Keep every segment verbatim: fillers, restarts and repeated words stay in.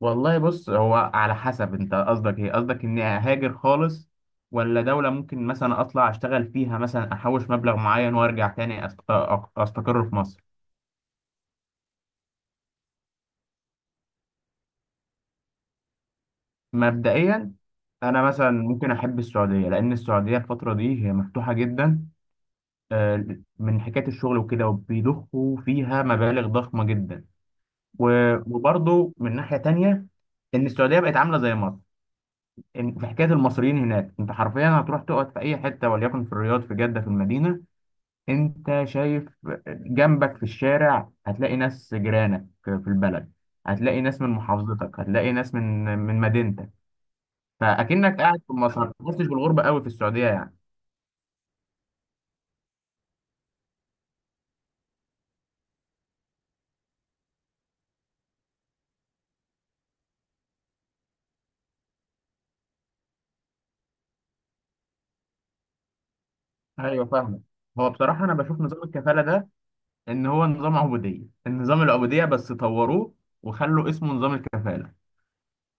والله بص، هو على حسب. انت قصدك ايه؟ قصدك اني اهاجر خالص، ولا دولة ممكن مثلا اطلع اشتغل فيها، مثلا احوش مبلغ معين وارجع تاني أست- أق- استقر في مصر. مبدئيا انا مثلا ممكن احب السعودية، لان السعودية الفترة دي هي مفتوحة جدا، آه، من حكاية الشغل وكده، وبيضخوا فيها مبالغ ضخمة جدا. و- وبرضه من ناحية تانية، ان السعودية بقت عاملة زي مصر. إن- في حكاية المصريين هناك، انت حرفيا هتروح تقعد في اي حتة، وليكن في الرياض، في جدة، في المدينة. انت شايف جنبك في الشارع هتلاقي ناس جيرانك في البلد، هتلاقي ناس من محافظتك، هتلاقي ناس من من مدينتك. فاكنك قاعد في مصر، ما تحسش بالغربه قوي في السعوديه يعني. ايوه فاهمك. هو بصراحه انا بشوف نظام الكفاله ده ان هو نظام عبوديه، النظام العبوديه بس طوروه وخلوا اسمه نظام الكفاله.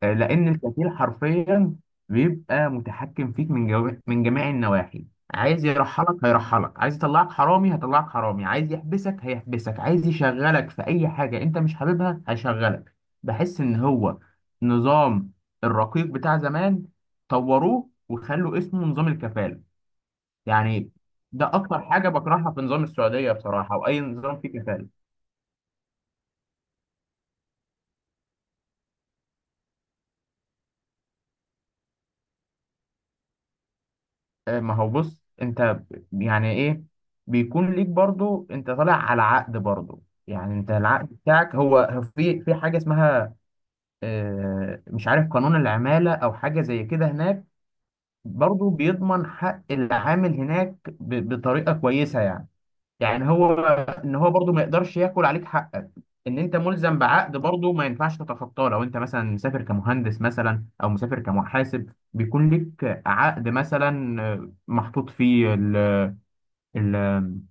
آه، لأن الكفيل حرفيا بيبقى متحكم فيك من جو... من جميع النواحي. عايز يرحلك هيرحلك، عايز يطلعك حرامي هيطلعك حرامي، عايز يحبسك هيحبسك، عايز يشغلك في أي حاجة أنت مش حاببها هيشغلك. بحس إن هو نظام الرقيق بتاع زمان، طوروه وخلوا اسمه نظام الكفالة يعني. ده أكتر حاجة بكرهها في نظام السعودية بصراحة، وأي نظام فيه كفالة. آه، ما هو بص، انت ب- يعني ايه، بيكون ليك برضو، انت طالع على عقد برضو يعني. انت العقد بتاعك هو هو في في حاجه اسمها، آه، مش عارف، قانون العماله او حاجه زي كده هناك، برضو بيضمن حق العامل هناك ب- بطريقه كويسه يعني. يعني هو ان هو برضو ما يقدرش ياكل عليك حقك، ان انت ملزم بعقد برضو، ما ينفعش تتخطاه. لو انت مثلا مسافر كمهندس مثلا، او مسافر كمحاسب، بيكون لك عقد مثلا آه، محطوط فيه ال ال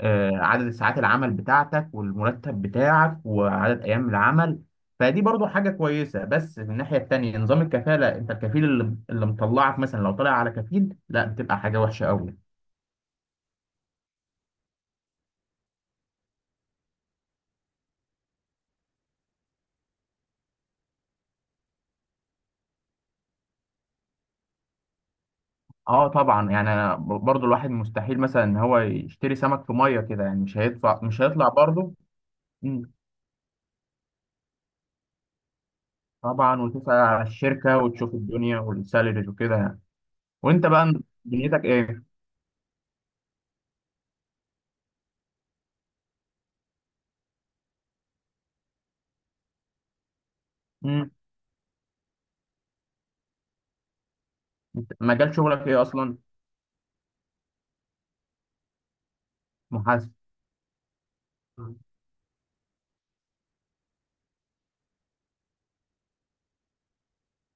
آه، عدد ساعات العمل بتاعتك، والمرتب بتاعك، وعدد ايام العمل. فدي برضو حاجة كويسة. بس من الناحية التانية، نظام الكفالة، انت الكفيل اللي اللي مطلعك مثلا، لو طلع على كفيل لا، بتبقى حاجة وحشة قوي. اه طبعا. يعني أنا ب- برضو الواحد مستحيل مثلا ان هو يشتري سمك في ميه كده يعني، مش هيدفع، مش هيطلع برضو. مم. طبعا، وتسأل على الشركه، وتشوف الدنيا والسالاريز وكده يعني. وانت بقى دنيتك ايه؟ مم. إنت- مجال شغلك ايه اصلا؟ محاسب. مم.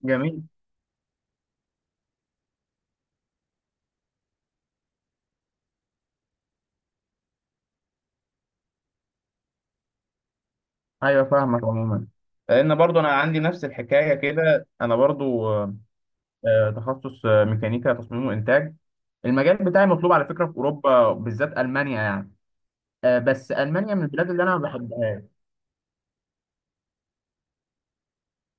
جميل. ايوه فاهمك عموما، لان برضو انا عندي نفس الحكايه كده. انا برضو آه، آه، تخصص آه، ميكانيكا تصميم وانتاج. المجال بتاعي مطلوب على فكره في اوروبا، بالذات المانيا يعني. آه، بس المانيا من البلاد اللي انا ما بحبهاش.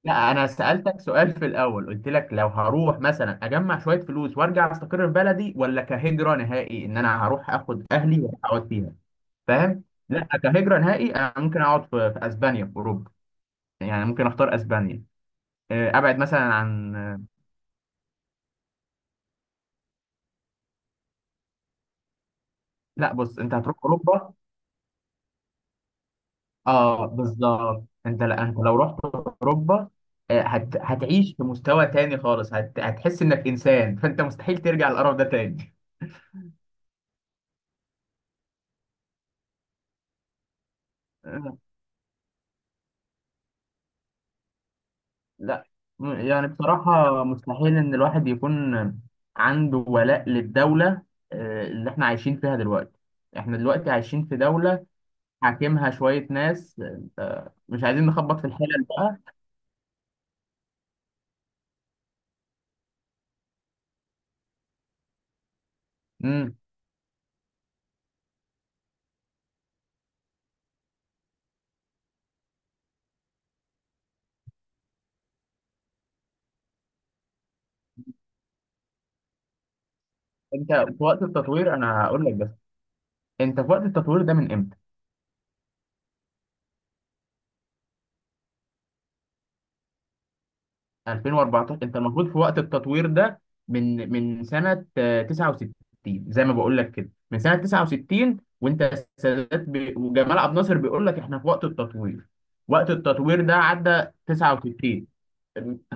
لا، انا سالتك سؤال في الاول، قلت لك لو هروح مثلا اجمع شويه فلوس وارجع استقر في بلدي، ولا كهجره نهائي ان انا هروح اخد اهلي واقعد فيها. فاهم. لا، كهجره نهائي انا ممكن اقعد في في اسبانيا، في اوروبا يعني. ممكن اختار اسبانيا. آه، ابعد مثلا عن آه، لا بص، انت هتروح اوروبا. اه بالظبط، انت لا، انت لو رحت اوروبا آه، هت... هتعيش في مستوى تاني خالص، هت... هتحس انك انسان، فانت مستحيل ترجع للقرف ده تاني. لا م- يعني بصراحة، مستحيل إن الواحد يكون عنده ولاء للدولة آه، اللي إحنا عايشين فيها دلوقتي. إحنا دلوقتي عايشين في دولة حاكمها شوية ناس. آه، مش عايزين نخبط في الحلل بقى. امم. أنت في وقت التطوير، أنا هقول لك بس، أنت في وقت التطوير ده من إمتى؟ ألفين وأربعة عشر؟ انت المفروض في وقت التطوير ده من من سنه آه، تسعة وستين. زي ما بقول لك كده، من سنه تسعة وستين، وانت السادات بي... وجمال عبد الناصر بيقول لك احنا في وقت التطوير. وقت التطوير ده عدى تسعة وستين،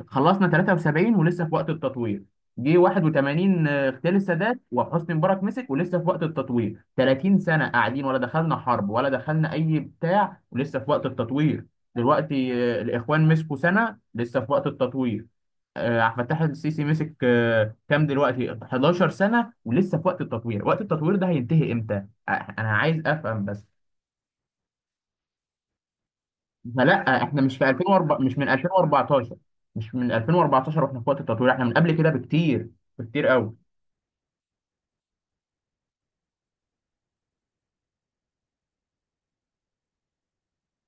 خلصنا تلاتة وسبعين، ولسه في وقت التطوير. جه واحد وتمانين، آه، اغتيال السادات، وحسني مبارك مسك، ولسه في وقت التطوير. 30 سنة قاعدين، ولا دخلنا حرب، ولا دخلنا أي بتاع، ولسه في وقت التطوير. دلوقتي آه، الإخوان مسكوا سنة، لسه في وقت التطوير. آه، عبد الفتاح السيسي مسك آه، كام دلوقتي، 11 سنة، ولسه في وقت التطوير. وقت التطوير ده هينتهي إمتى؟ آه، أنا عايز أفهم بس. فلا احنا مش في ألفين وأربعة، مش من ألفين وأربعة عشر، مش من ألفين وأربعتاشر واحنا في وقت التطوير، احنا من قبل كده بكتير، بكتير قوي.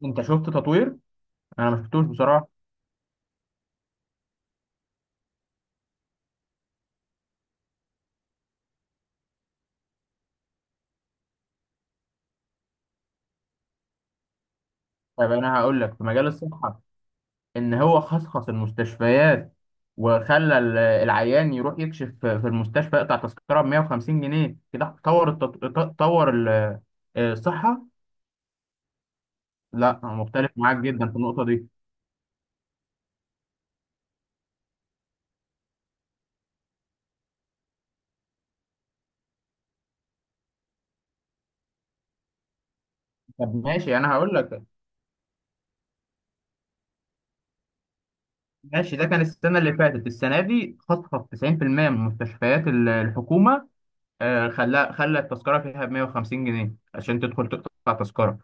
انت شفت تطوير، انا ما شفتوش بصراحه. طب انا هقول لك في مجال الصحه، ان هو خصخص المستشفيات، وخلى ال- العيان يروح يكشف في في المستشفى، يقطع تذكره ب ميه وخمسين جنيه كده، طور التط... طور ال- الصحه. لا أنا مختلف معاك جدا في النقطه دي. طب ماشي انا هقول لك. ماشي، ده كان السنة اللي فاتت، السنة دي خصخص تسعين في المية من مستشفيات ال- الحكومة. آه، خلا خلى التذكرة فيها ب ميه وخمسين جنيه عشان تدخل تقطع تذكرة.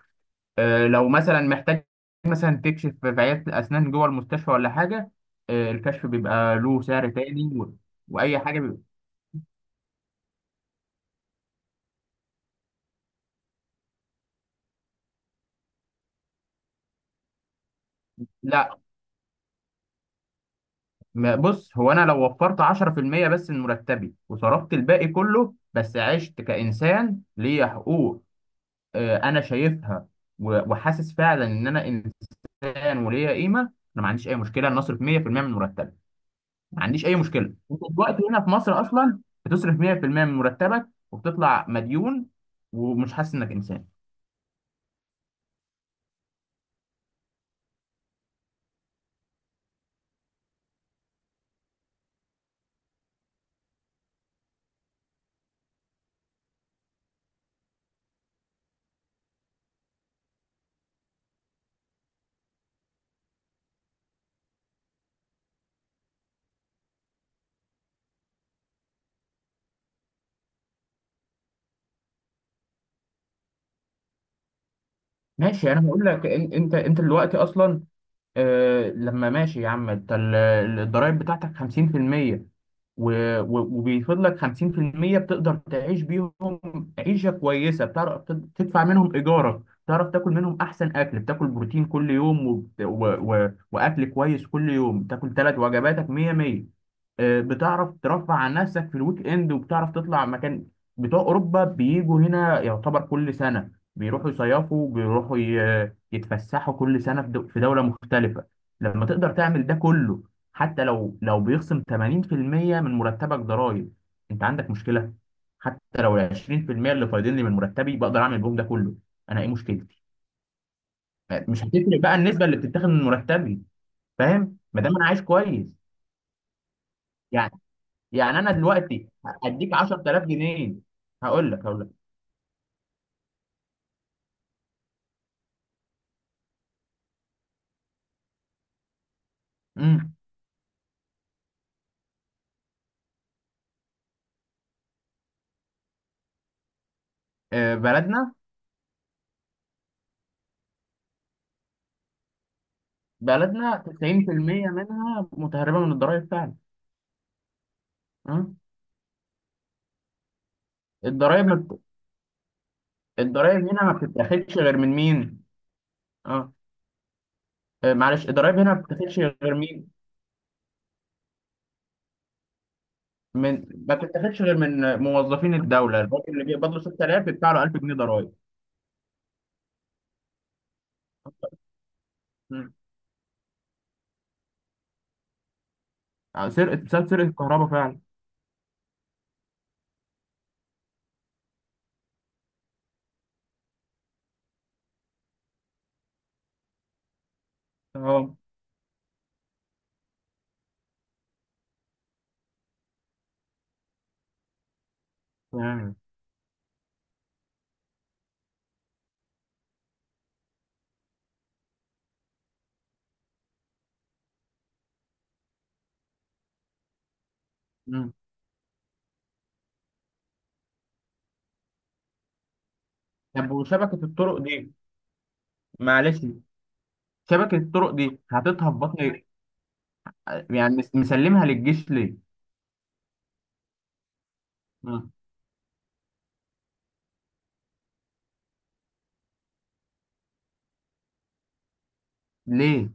آه، لو مثلا محتاج مثلا تكشف في عيادة الأسنان جوه المستشفى، ولا حاجة آه، الكشف، بيبقى له سعر تاني، و- وأي حاجة بيبقى. لا ما- بص، هو أنا لو وفرت عشرة في المية بس من مرتبي، وصرفت الباقي كله، بس عشت كإنسان ليا حقوق، آه، أنا شايفها و- وحاسس فعلا ان انا فعلا وليها قيمه، انا ما عنديش اي مشكله ان اصرف مئة في المية من مرتبي. ما عنديش اي مشكله. انت دلوقتي هنا في مصر اصلا بتصرف مئة في المية من مرتبك، وبتطلع مديون، ومش حاسس انك انسان. ماشي انا هقول لك. إن- انت انت دلوقتي اصلا، آه لما ماشي يا عم، انت ال- الضرايب بتاعتك خمسين في المية، و- و- وبيفضل لك خمسين في المية بتقدر تعيش بيهم عيشة كويسة. بتعرف تد- تدفع منهم إيجارك، بتعرف تاكل منهم أحسن أكل، بتاكل بروتين كل يوم، وبت- و... و... وأكل كويس كل يوم، بتاكل ثلاث وجباتك مية مية. آه، بتعرف ترفع عن نفسك في الويك إند، وبتعرف تطلع مكان. بتوع أوروبا بيجوا هنا يعتبر كل سنة، بيروحوا يصيفوا، بيروحوا يتفسحوا كل سنة في دو- في دولة مختلفة. لما تقدر تعمل ده كله، حتى لو لو بيخصم ثمانين في المية من مرتبك ضرائب، انت عندك مشكلة؟ حتى لو ال عشرين في المية اللي فايضين لي من مرتبي بقدر اعمل بيهم ده كله، انا ايه مشكلتي؟ مش هتفرق بقى النسبة اللي بتتاخد من مرتبي، فاهم؟ ما دام انا عايش كويس يعني. يعني انا دلوقتي هديك عشر آلاف جنيه، هقول لك هقول لك. امم. آه، بلدنا، بلدنا تسعين في المية منها متهربة من الضرائب فعلا. أمم. الضرايب الضرايب هنا ما بتتاخدش غير من مين؟ اه. آه، معلش، الضرايب هنا ما بتتاخدش غير مين؟ من ما بتتاخدش غير من موظفين الدولة. الراجل اللي بيقبض له ستة آلاف، بيدفع له ألف جنيه ضرايب. مم. آه، سرقة، سلسلة سرقة الكهرباء فعلا. اه. تمام. مم. طب، وشبكة الطرق دي، معلش، شبكة الطرق دي حاططها في بطن. آه، يعني مس- مسلمها للجيش ليه؟ مم. ليه؟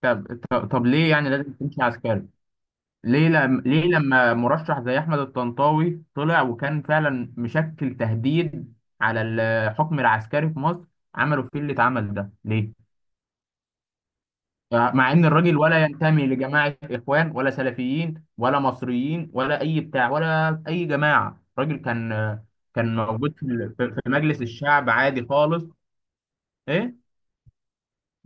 طب طب طب ليه يعني لازم تمشي عسكري؟ ليه لما، ليه لما مرشح زي احمد الطنطاوي طلع، وكان فعلا مشكل تهديد على الحكم العسكري في مصر، عملوا فيه اللي اتعمل ده ليه؟ مع ان الراجل ولا ينتمي لجماعه اخوان، ولا سلفيين، ولا مصريين، ولا اي بتاع، ولا اي جماعه. الراجل كان كان موجود في ال- في مجلس الشعب عادي خالص. ايه؟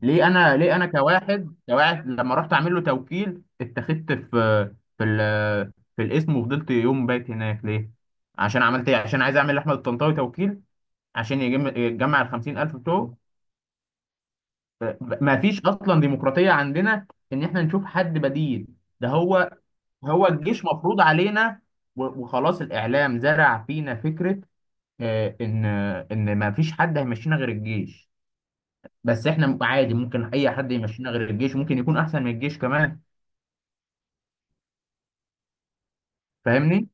ليه انا، ليه انا كواحد، كواحد لما رحت اعمل له توكيل، اتخذت في في ال في الاسم، وفضلت يوم بايت هناك ليه؟ عشان عملت ايه؟ عشان عايز اعمل لاحمد الطنطاوي توكيل عشان يجم- يجمع ال خمسين ألف بتوعه. ما فيش اصلا ديمقراطيه عندنا ان احنا نشوف حد بديل. ده هو هو الجيش مفروض علينا، و- وخلاص. الاعلام زرع فينا فكره آه، ان ان ما فيش حد هيمشينا غير الجيش. بس احنا عادي، ممكن اي حد يمشينا غير الجيش، ممكن يكون احسن من الجيش كمان. فاهمني؟